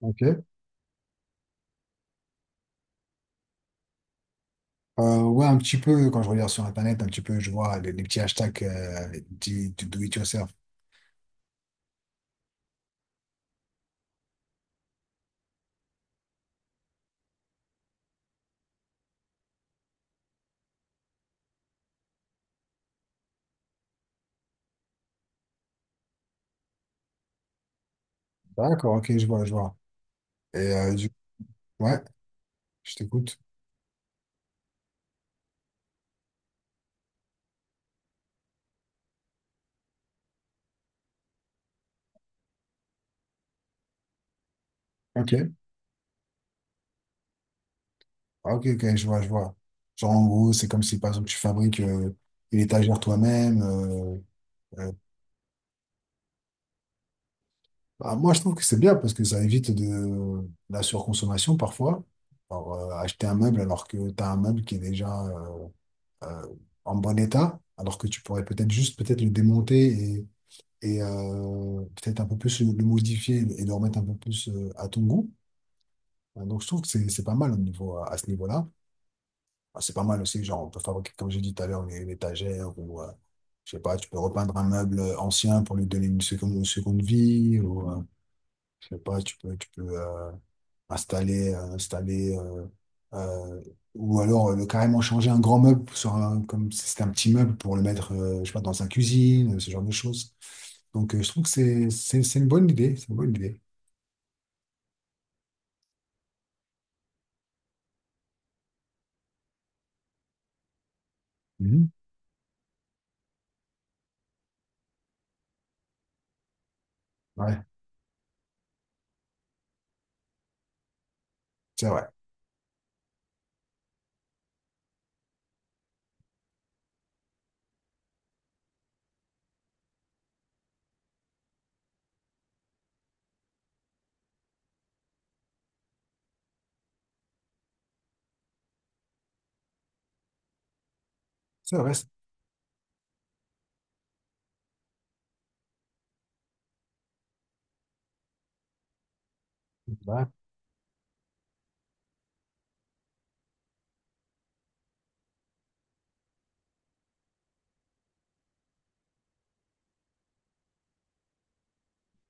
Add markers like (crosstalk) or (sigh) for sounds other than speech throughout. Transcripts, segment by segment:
Ok. Ouais, un petit peu, quand je regarde sur Internet, un petit peu, je vois les petits hashtags du do it yourself. D'accord, ok, je vois, je vois. Et ouais, je t'écoute. Ok, ah, ok, ok, je vois, je vois. Genre, en gros, c'est comme si, par exemple, tu fabriques une étagère toi-même. Euh. Bah, moi, je trouve que c'est bien parce que ça évite de la surconsommation parfois. Alors, acheter un meuble alors que tu as un meuble qui est déjà euh, en bon état, alors que tu pourrais peut-être juste peut-être le démonter et peut-être un peu plus le modifier et le remettre un peu plus à ton goût. Donc je trouve que c'est pas mal au niveau, à ce niveau-là. Ah, c'est pas mal aussi, genre on peut fabriquer, comme j'ai dit tout à l'heure, une étagère ou je sais pas, tu peux repeindre un meuble ancien pour lui donner une seconde vie ou je sais pas, tu peux installer, installer euh, ou alors le carrément changer un grand meuble sur un, comme si c'était un petit meuble pour le mettre, je sais pas, dans sa cuisine, ce genre de choses. Je trouve que c'est une bonne idée, c'est une bonne idée. Mhm. Ouais, c'est vrai, c'est vrai. C'est vrai.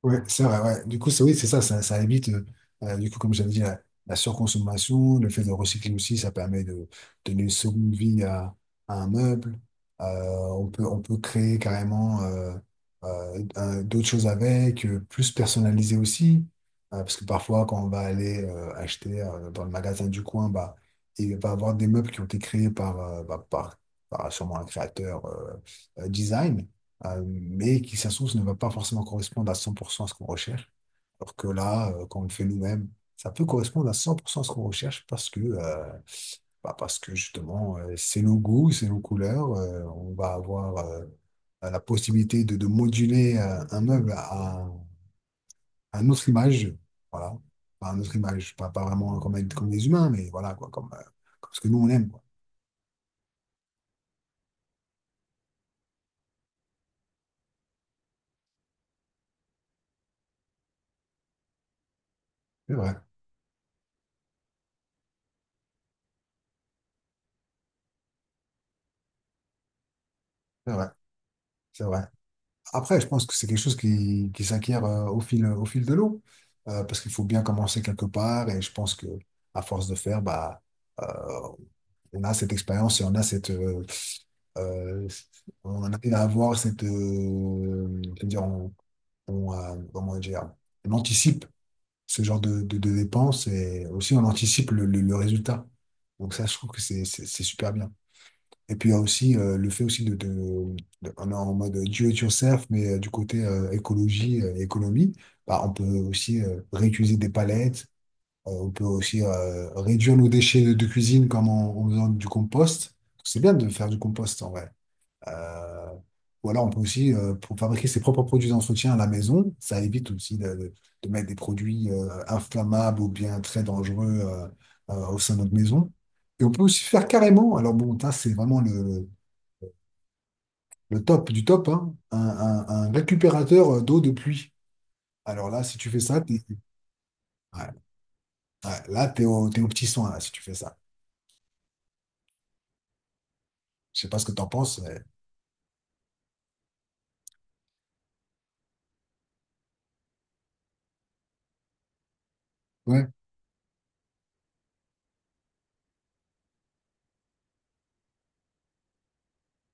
Ouais, c'est vrai, ouais. Du coup, c'est oui, c'est ça, ça évite, du coup, comme j'avais dit, la surconsommation, le fait de recycler aussi, ça permet de donner une seconde vie à un meuble. On peut créer carrément d'autres choses avec, plus personnalisé aussi. Parce que parfois, quand on va aller acheter dans le magasin du coin, bah, il va y avoir des meubles qui ont été créés par, par, par sûrement un créateur design mais qui, ça se trouve, ne va pas forcément correspondre à 100% à ce qu'on recherche. Alors que là, quand on le fait nous-mêmes, ça peut correspondre à 100% à ce qu'on recherche parce que, parce que justement, c'est nos goûts, c'est nos couleurs. On va avoir la possibilité de moduler un meuble à une autre image. Voilà. Pas une autre image, pas, pas vraiment comme, comme des humains, mais voilà, quoi, comme, comme ce que nous, on aime, quoi. C'est vrai, c'est vrai, c'est vrai. Après, je pense que c'est quelque chose qui s'acquiert au fil de l'eau. Parce qu'il faut bien commencer quelque part, et je pense que à force de faire, euh, on a cette expérience et on a cette, euh, on en arrive à avoir cette, c'est-à-dire on, comment dire, on anticipe ce genre de dépenses et aussi on anticipe le résultat. Donc ça, je trouve que c'est super bien. Et puis il y a aussi le fait aussi de, on est en mode do it yourself, mais du côté écologie et économie, bah, on peut aussi réutiliser des palettes, on peut aussi réduire nos déchets de cuisine comme en, en faisant du compost. C'est bien de faire du compost en vrai. Euh, ou alors on peut aussi, pour fabriquer ses propres produits d'entretien à la maison, ça évite aussi de, de mettre des produits inflammables ou bien très dangereux au sein de notre maison. Et on peut aussi faire carrément, alors bon, ça c'est vraiment le top du top, hein, un récupérateur d'eau de pluie. Alors là, si tu fais ça, ouais, ouais, là, t'es au petit soin, là, si tu fais ça. Je sais pas ce que t'en penses, mais… Ouais.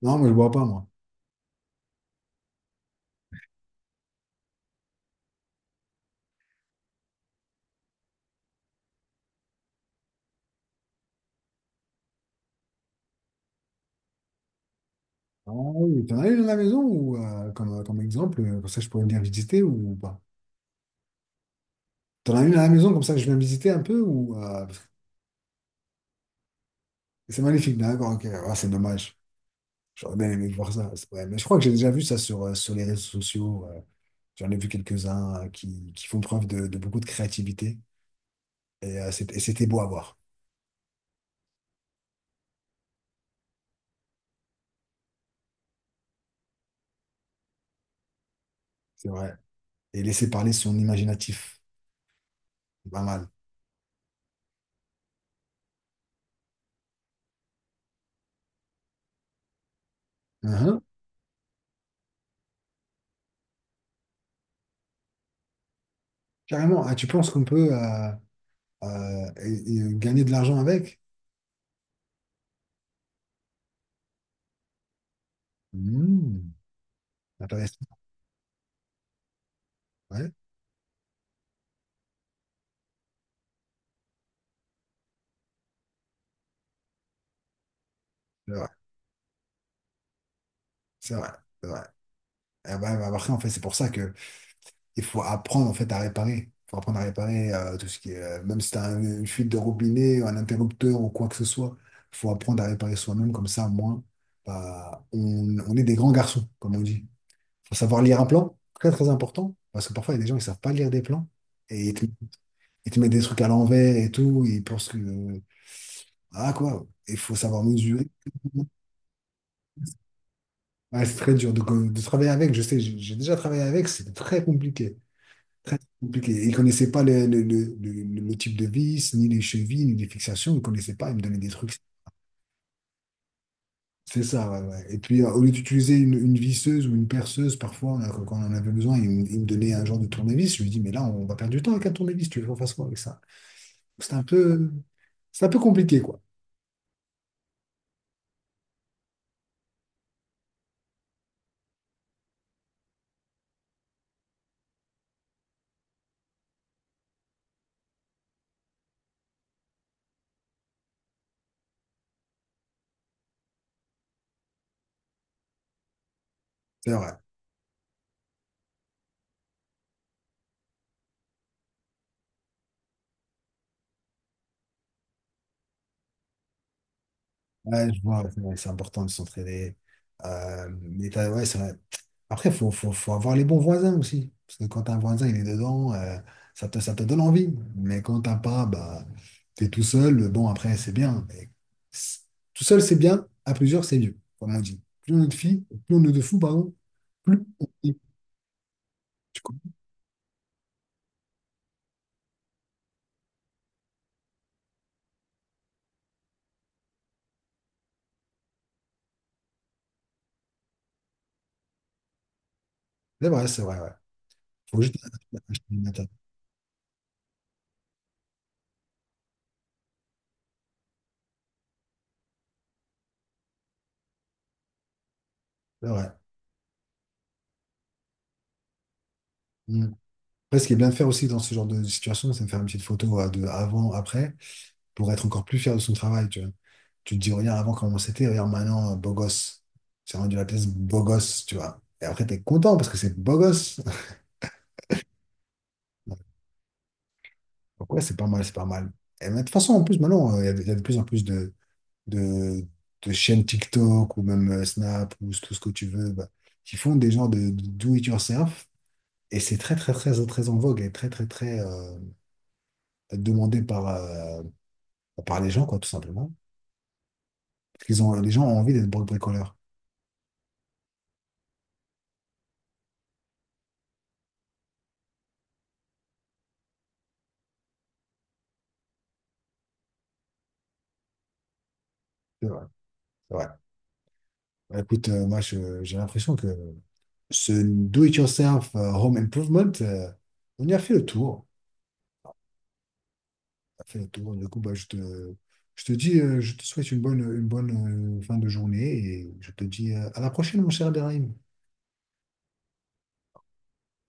Non, mais je bois pas, moi. Ah oui, t'en as une à la maison ou comme, comme exemple, comme ça je pourrais venir visiter ou pas? T'en as une à la maison comme ça je viens visiter un peu ou parce que c'est magnifique, d'accord, ok, ah, c'est dommage. J'aurais bien aimé voir ça. Ouais, mais je crois que j'ai déjà vu ça sur, sur les réseaux sociaux. J'en ai vu quelques-uns qui font preuve de beaucoup de créativité. Et c'était beau à voir, c'est vrai. Et laisser parler son imaginatif, c'est pas mal. Uhum. Carrément, ah, tu penses qu'on peut et gagner de l'argent avec? Hmm, intéressant. Ouais, c'est vrai, c'est vrai, c'est vrai. Et bah, bah, après, en fait, c'est pour ça que il faut apprendre en fait, à réparer. Il faut apprendre à réparer tout ce qui est, même si tu as une fuite de robinet, un interrupteur ou quoi que ce soit, il faut apprendre à réparer soi-même, comme ça, au moins, bah, on est des grands garçons, comme on dit. Faut savoir lire un plan, très très important, parce que parfois il y a des gens qui savent pas lire des plans et ils te mettent des trucs à l'envers et tout, et ils pensent que, ah quoi, il faut savoir mesurer. Ouais, c'est très dur de travailler avec, je sais, j'ai déjà travaillé avec, c'était très compliqué, très très compliqué. Ils ne connaissaient pas le type de vis, ni les chevilles, ni les fixations, ils ne connaissaient pas, ils me donnaient des trucs. C'est ça, ouais, ouais. Et puis, au lieu d'utiliser une visseuse ou une perceuse, parfois, quand on en avait besoin, il me donnait un genre de tournevis. Je lui dis, mais là, on va perdre du temps avec un tournevis, tu veux qu'on fasse quoi avec ça? C'est un peu, c'est un peu compliqué, quoi. C'est vrai. Ouais, je vois, c'est vrai, c'est important de s'entraider. Ouais, c'est vrai. Après, faut avoir les bons voisins aussi. Parce que quand un voisin, il est dedans, ça te donne envie. Mais quand t'as pas, bah, t'es tout seul. Bon, après, c'est bien. Mais c'est- tout seul, c'est bien. À plusieurs, c'est mieux, comme on dit. Plus on est de filles, plus on est de fous, pardon, plus on est. Tu comprends. C'est vrai, ouais. Faut juste acheter une atteinte. C'est vrai. Mm. Après, ce qui est bien de faire aussi dans ce genre de situation, c'est de faire une petite photo de avant, après, pour être encore plus fier de son travail, tu vois. Tu te dis, regarde avant comment c'était, regarde maintenant, beau gosse. C'est rendu la pièce beau gosse, tu vois. Et après, t'es content parce que c'est beau gosse. (laughs) Donc ouais, c'est pas mal, c'est pas mal. Et mais de toute façon, en plus, maintenant, il y a de plus en plus de, de chaînes TikTok ou même Snap ou tout ce que tu veux, bah, qui font des genres de do it yourself. Et c'est très, très, très, très en vogue et très, très, très demandé par, par les gens, quoi, tout simplement. Parce qu'ils ont, les gens ont envie d'être bricoleurs. C'est vrai. C'est vrai. Bah, écoute, moi, j'ai l'impression que ce do-it-yourself home improvement, on y a fait le tour. On a fait le tour. Du coup, bah, je te dis, je te souhaite une bonne fin de journée et je te dis à la prochaine, mon cher Abderrahim.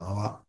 Au revoir.